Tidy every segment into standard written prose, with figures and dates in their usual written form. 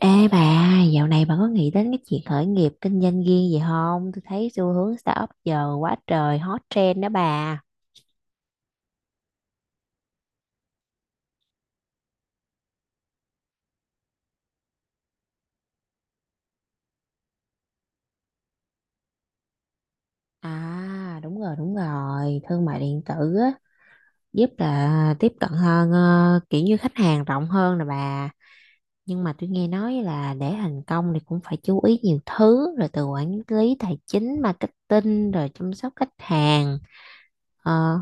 Ê bà, dạo này bà có nghĩ đến cái chuyện khởi nghiệp kinh doanh riêng gì không? Tôi thấy xu hướng startup giờ quá trời hot trend đó bà. À, đúng rồi, đúng rồi. Thương mại điện tử á, giúp là tiếp cận hơn, kiểu như khách hàng rộng hơn nè bà. Nhưng mà tôi nghe nói là để thành công thì cũng phải chú ý nhiều thứ, rồi từ quản lý tài chính, marketing, rồi chăm sóc khách hàng. Ờ,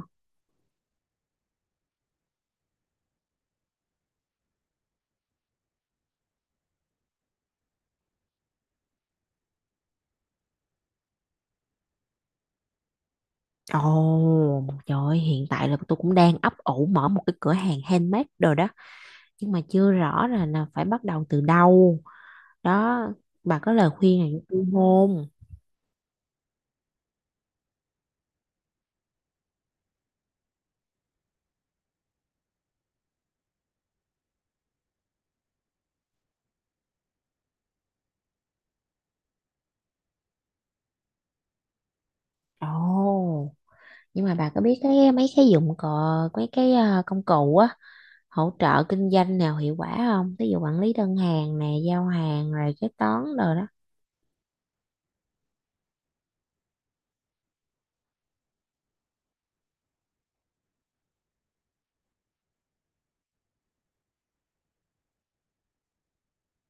ồ, trời ơi, hiện tại là tôi cũng đang ấp ủ mở một cái cửa hàng handmade đồ đó. Nhưng mà chưa rõ là phải bắt đầu từ đâu đó, bà có lời khuyên nào cho tôi không? Ồ, nhưng mà bà có biết cái mấy cái dụng cụ, mấy cái công cụ á hỗ trợ kinh doanh nào hiệu quả không? Ví dụ quản lý đơn hàng nè, giao hàng, rồi kế toán rồi đó.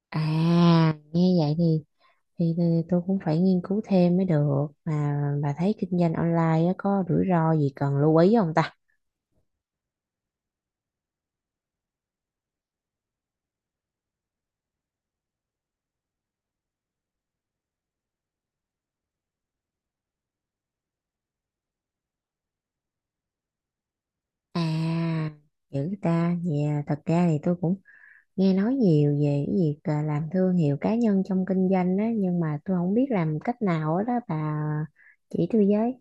À, nghe vậy thì thì tôi cũng phải nghiên cứu thêm mới được. Mà bà thấy kinh doanh online á, có rủi ro gì cần lưu ý không ta? À, dữ ta. Dạ thật ra thì tôi cũng nghe nói nhiều về cái việc làm thương hiệu cá nhân trong kinh doanh á, nhưng mà tôi không biết làm cách nào hết đó bà, chỉ tôi với.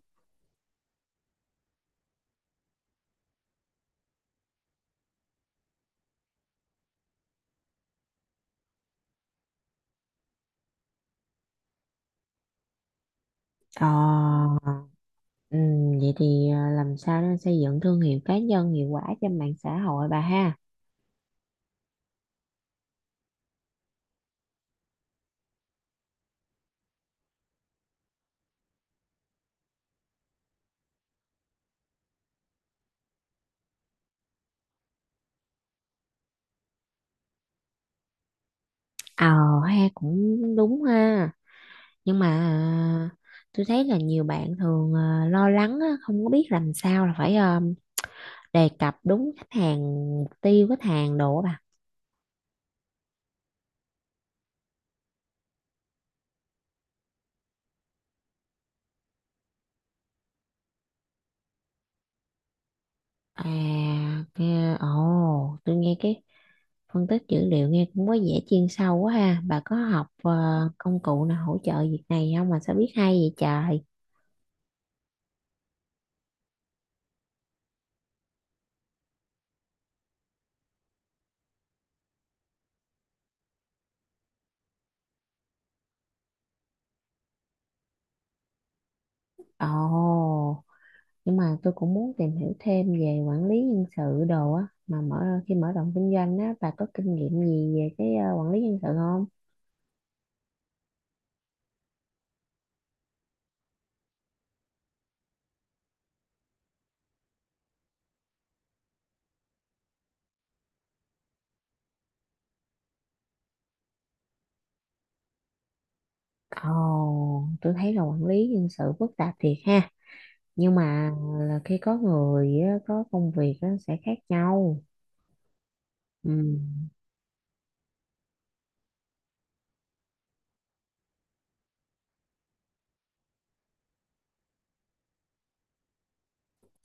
Ờ, ừ, vậy thì làm sao để xây dựng thương hiệu cá nhân hiệu quả trên mạng xã hội bà ha? Ờ, ha, cũng đúng ha. Nhưng mà tôi thấy là nhiều bạn thường lo lắng á, không có biết làm sao là phải đề cập đúng khách hàng, mục tiêu khách hàng đồ á bà. À, nghe, ồ, tôi nghe cái phân tích dữ liệu nghe cũng có vẻ chuyên sâu quá ha. Bà có học công cụ nào hỗ trợ việc này không mà sao biết hay vậy trời? Ồ, nhưng mà tôi cũng muốn tìm hiểu thêm về quản lý nhân sự đồ á. Mà mở Khi mở rộng kinh doanh á, bà có kinh nghiệm gì về cái quản lý nhân sự không? Ồ, tôi thấy là quản lý nhân sự phức tạp thiệt ha. Nhưng mà là khi có người á, có công việc nó sẽ khác nhau. Ừ.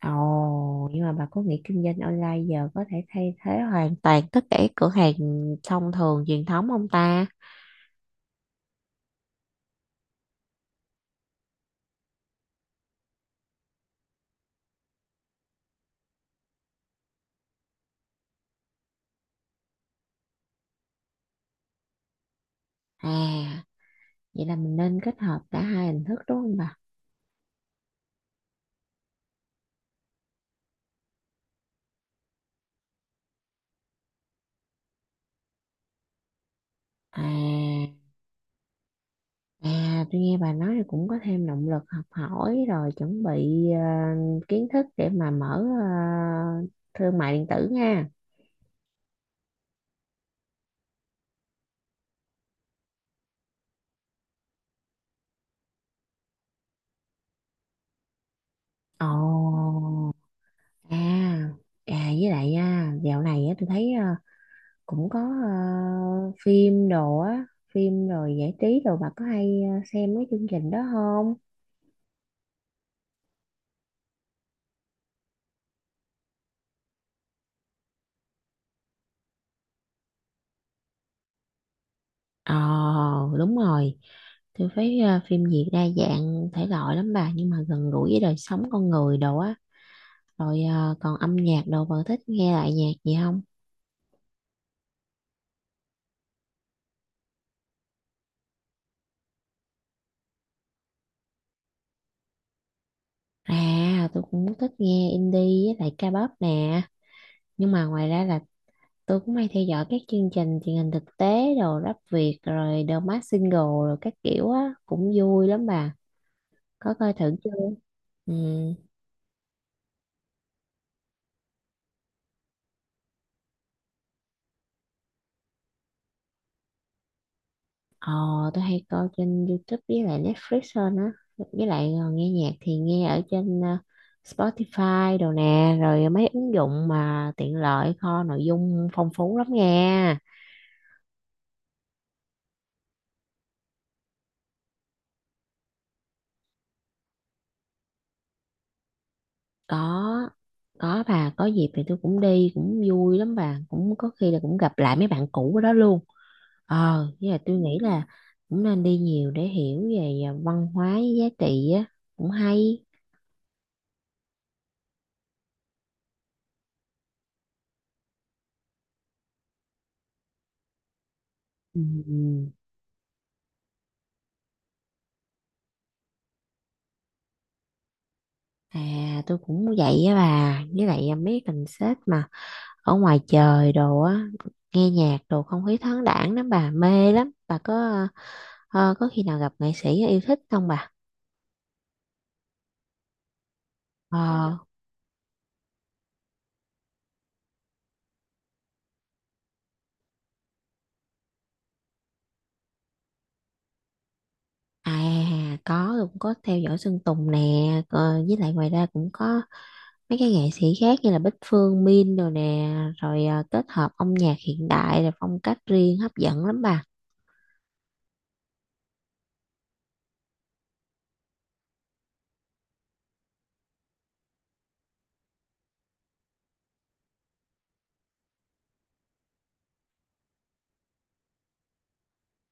Ồ, nhưng mà bà có nghĩ kinh doanh online giờ có thể thay thế hoàn toàn tất cả các cửa hàng thông thường, truyền thống không ta? À, vậy là mình nên kết hợp cả hai hình thức đúng không bà? À, à, tôi nghe bà nói thì cũng có thêm động lực học hỏi rồi chuẩn bị kiến thức để mà mở thương mại điện tử nha. Ồ, à, à, với lại dạo này á, tôi thấy cũng có phim đồ á, phim rồi giải trí đồ, bà có hay xem mấy chương trình đó không? Ồ, đúng rồi. Tôi thấy phim Việt đa dạng thể loại lắm bà, nhưng mà gần gũi với đời sống con người đồ á. Rồi còn âm nhạc đồ, bà thích nghe lại nhạc gì không? À, tôi cũng thích nghe indie với lại ca pop nè. Nhưng mà ngoài ra là tôi cũng hay theo dõi các chương trình truyền hình thực tế đồ, rap Việt rồi The Masked Singer rồi các kiểu á, cũng vui lắm bà, có coi thử chưa? Ừ, ờ, tôi hay coi trên YouTube với lại Netflix hơn á. Với lại nghe nhạc thì nghe ở trên Spotify đồ nè, rồi mấy ứng dụng mà tiện lợi, kho nội dung phong phú lắm nha. có có bà, có dịp thì tôi cũng đi, cũng vui lắm bà, cũng có khi là cũng gặp lại mấy bạn cũ ở đó luôn. Ờ, với lại tôi nghĩ là cũng nên đi nhiều để hiểu về văn hóa, giá trị á, cũng hay. Ừ. À, tôi cũng vậy á bà. Với lại mấy cái concert mà ở ngoài trời đồ á, nghe nhạc đồ không khí thoáng đãng lắm bà, mê lắm. Bà có có khi nào gặp nghệ sĩ yêu thích không bà? Ờ. À, có, tôi cũng có theo dõi Sơn Tùng nè. Ờ, với lại ngoài ra cũng có mấy cái nghệ sĩ khác như là Bích Phương, Min đồ nè. Rồi kết hợp âm nhạc hiện đại, rồi phong cách riêng hấp dẫn lắm bà.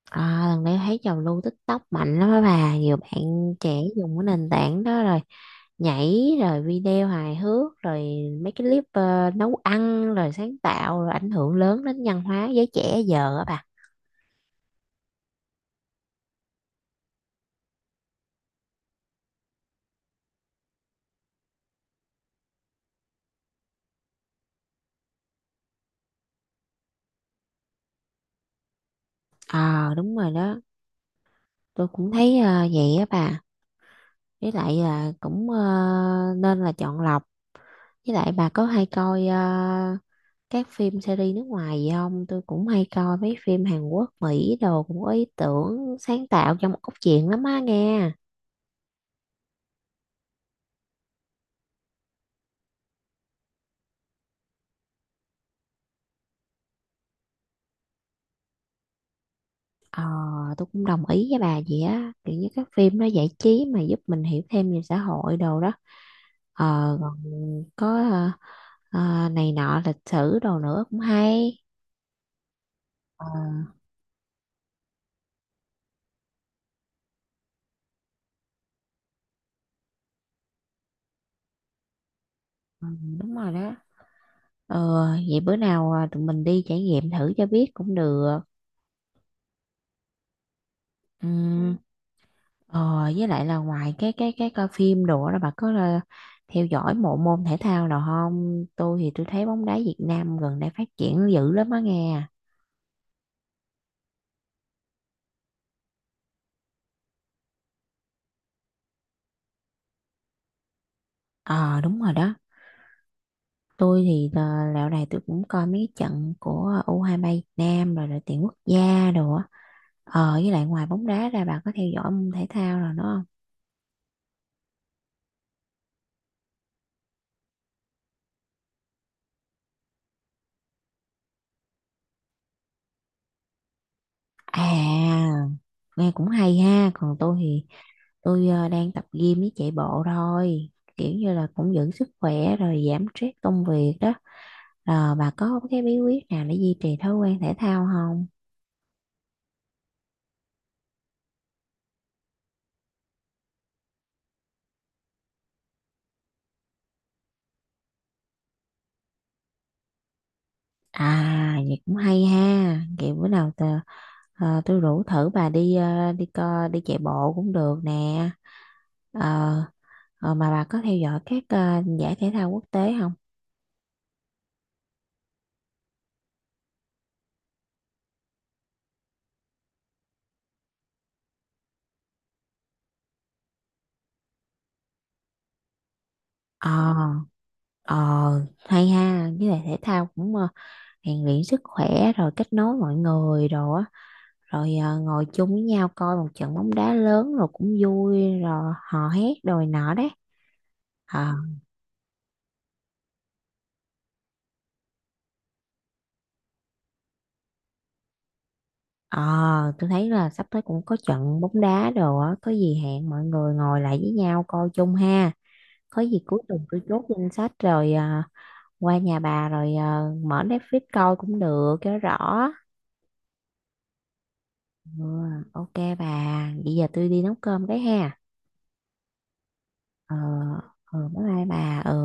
À, lần đấy thấy trào lưu TikTok mạnh lắm á bà, nhiều bạn trẻ dùng cái nền tảng đó rồi nhảy, rồi video hài hước, rồi mấy cái clip nấu ăn, rồi sáng tạo, rồi ảnh hưởng lớn đến văn hóa giới trẻ giờ á bà. À, đúng rồi đó, tôi cũng thấy vậy á bà. Với lại là cũng nên là chọn lọc. Với lại bà có hay coi các phim series nước ngoài gì không? Tôi cũng hay coi mấy phim Hàn Quốc, Mỹ đồ, cũng có ý tưởng sáng tạo trong một cốt truyện lắm á nghe. Ờ, tôi cũng đồng ý với bà vậy á, kiểu như các phim nó giải trí mà giúp mình hiểu thêm về xã hội đồ đó. Ờ, còn có này nọ lịch sử đồ nữa, cũng hay. Ờ, ừ, đúng rồi đó. Ờ, vậy bữa nào tụi mình đi trải nghiệm thử cho biết cũng được. Ừm, ờ, với lại là ngoài cái cái coi phim đồ đó, bà có là theo dõi bộ môn thể thao nào không? Tôi thì tôi thấy bóng đá Việt Nam gần đây phát triển dữ lắm á nghe. Ờ, đúng rồi đó. Tôi thì dạo này tôi cũng coi mấy cái trận của U23 hai ba Việt Nam rồi đội tuyển quốc gia đồ á. Ờ, với lại ngoài bóng đá ra, bà có theo dõi môn thể thao rồi đúng không? À, nghe cũng hay ha. Còn tôi thì tôi đang tập gym với chạy bộ thôi. Kiểu như là cũng giữ sức khỏe rồi giảm stress công việc đó. Rồi bà có cái bí quyết nào để duy trì thói quen thể thao không? À, vậy cũng hay ha. Kiểu bữa nào tôi rủ thử bà đi đi co, đi chạy bộ cũng được nè. Ờ, ờ, mà bà có theo dõi các giải thể thao quốc tế không? Ờ, ờ, hay ha, với lại thể thao cũng rèn luyện sức khỏe, rồi kết nối mọi người rồi á, rồi ngồi chung với nhau coi một trận bóng đá lớn rồi cũng vui, rồi hò hét rồi nọ đấy. Ờ, ờ, tôi thấy là sắp tới cũng có trận bóng đá đồ á, có gì hẹn mọi người ngồi lại với nhau coi chung ha. Có gì cuối tuần tôi chốt danh sách rồi qua nhà bà rồi mở Netflix coi cũng được cho rõ. Ừ, ok bà, bây giờ tôi đi nấu cơm cái ha. Ờ, ừ, bye bye bà, ừ.